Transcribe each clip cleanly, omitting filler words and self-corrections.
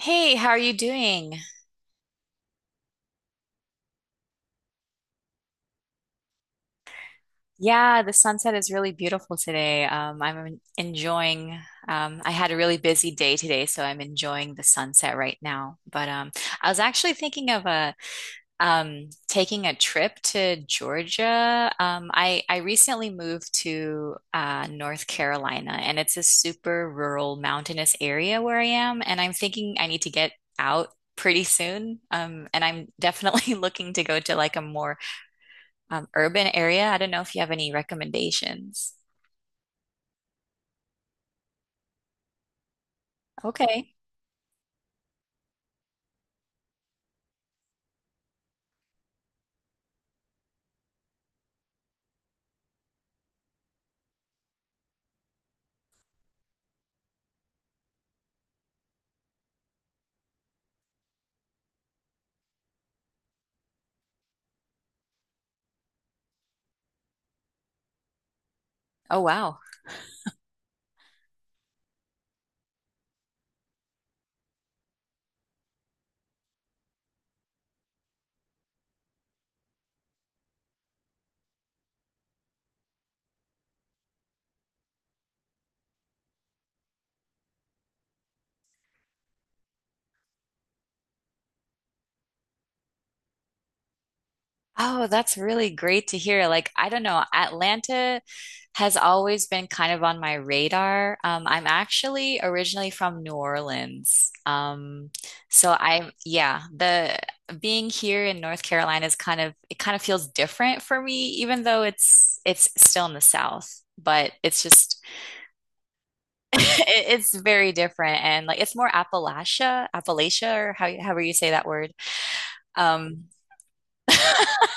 Hey, how are you doing? Yeah, the sunset is really beautiful today. Enjoying, I had a really busy day today, so I'm enjoying the sunset right now. But I was actually thinking of a, taking a trip to Georgia. I recently moved to North Carolina, and it's a super rural, mountainous area where I am, and I'm thinking I need to get out. Pretty soon. And I'm definitely looking to go to like a more urban area. I don't know if you have any recommendations. Okay. Oh, wow. Oh, that's really great to hear. Like, I don't know, Atlanta has always been kind of on my radar. I'm actually originally from New Orleans. So I'm, yeah, the Being here in North Carolina is kind of, it kind of feels different for me, even though it's still in the South, but it's just It's very different and like it's more Appalachia, Appalachia or how however you say that word. Um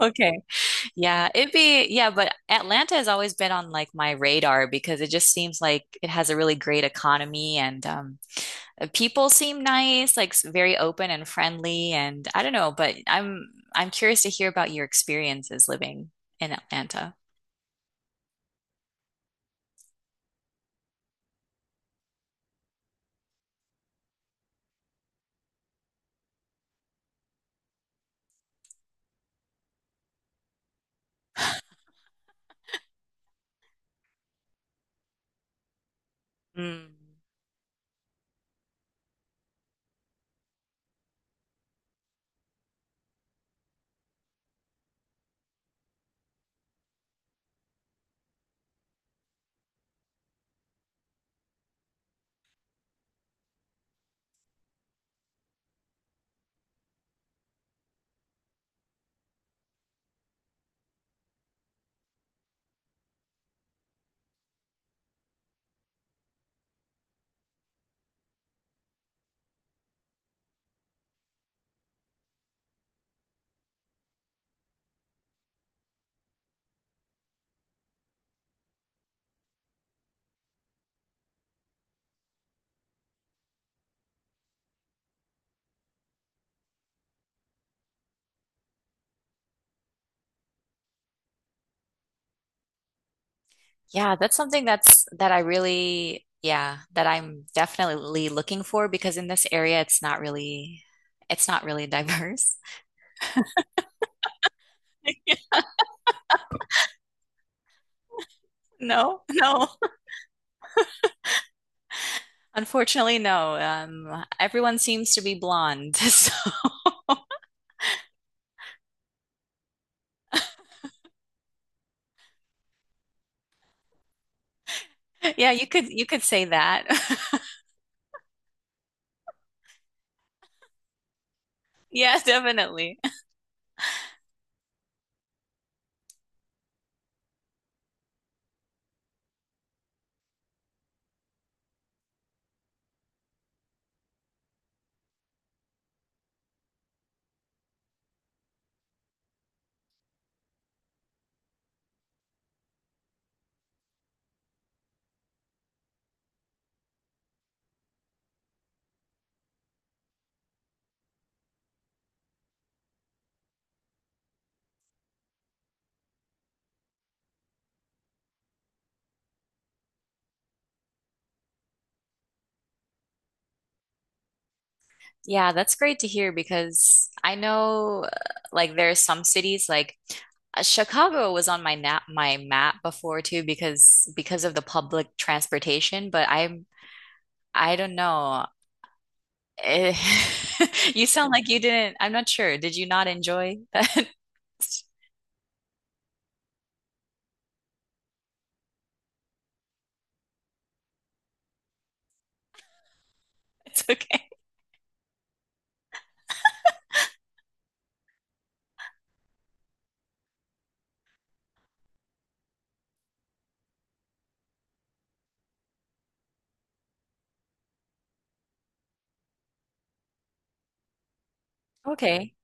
okay. But Atlanta has always been on like my radar because it just seems like it has a really great economy and the people seem nice, like very open and friendly and I don't know, but I'm curious to hear about your experiences living in Atlanta. Mm. That's something that I really, yeah, that I'm definitely looking for because in this area it's not really diverse. No, no. Unfortunately, no. Everyone seems to be blonde. So, yeah, you could say that. Yeah, definitely. Yeah, that's great to hear because I know like there are some cities like Chicago was on my nap my map before too because of the public transportation, but I don't know. Eh, you sound like you didn't. I'm not sure. Did you not enjoy that? It's okay. Okay.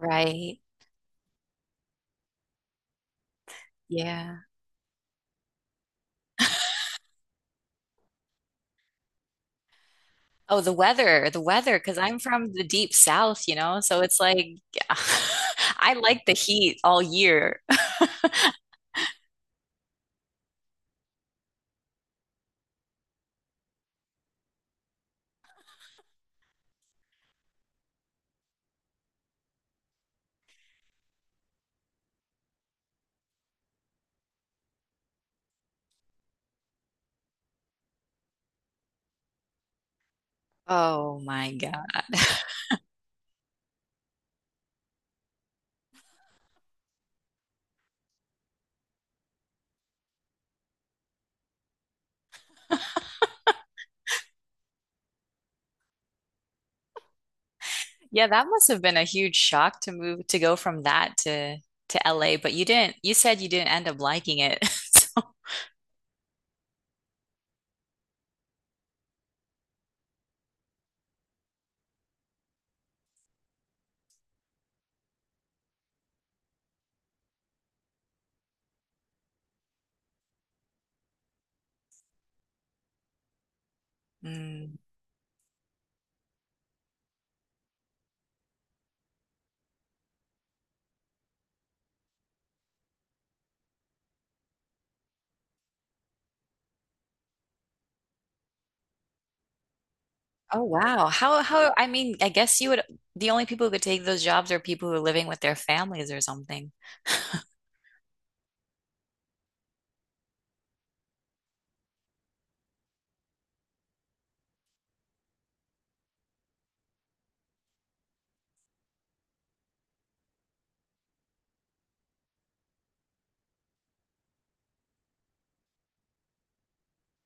Right. Yeah. Oh, the weather, because I'm from the deep south, you know, so it's like I like the heat all year. Oh my God. Yeah, that must have been a huge shock to move to go from that to LA, but you didn't, you said you didn't end up liking it. So, mm. Oh wow. How I mean, I guess you would the only people who could take those jobs are people who are living with their families or something.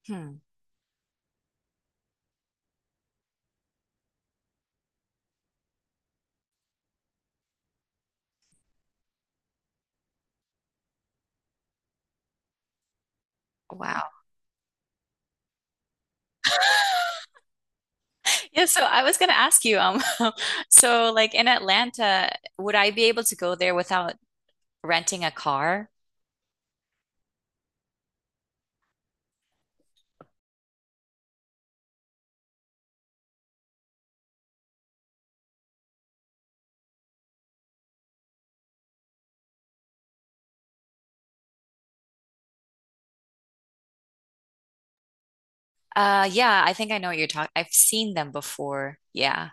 Hmm. Wow. Yeah, so I was gonna ask you, so like in Atlanta, would I be able to go there without renting a car? Yeah, I think I know what you're talking. I've seen them before. Yeah.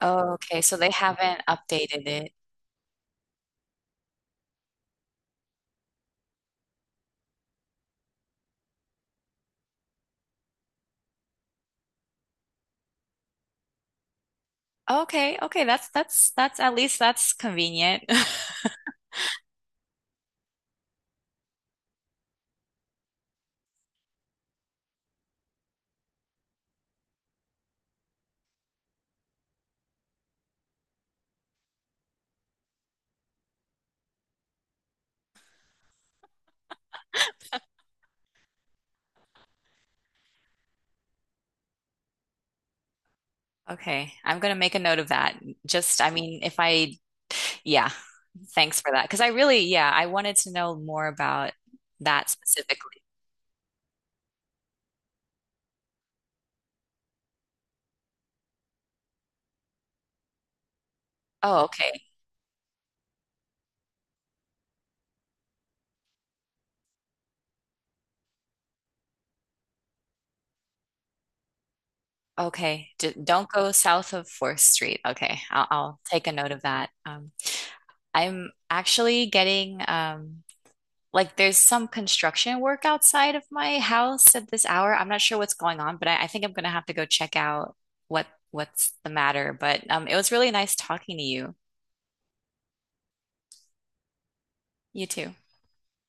Oh, okay. So they haven't updated it. Okay, okay, that's at least that's convenient. Okay, I'm gonna make a note of that. Just, I mean, if I, yeah. Thanks for that. Because I really, yeah, I wanted to know more about that specifically. Oh, okay. Okay. D Don't go south of 4th Street. Okay. I'll take a note of that. I'm actually getting, like, there's some construction work outside of my house at this hour. I'm not sure what's going on, but I think I'm going to have to go check out what's the matter. But it was really nice talking to you. You too.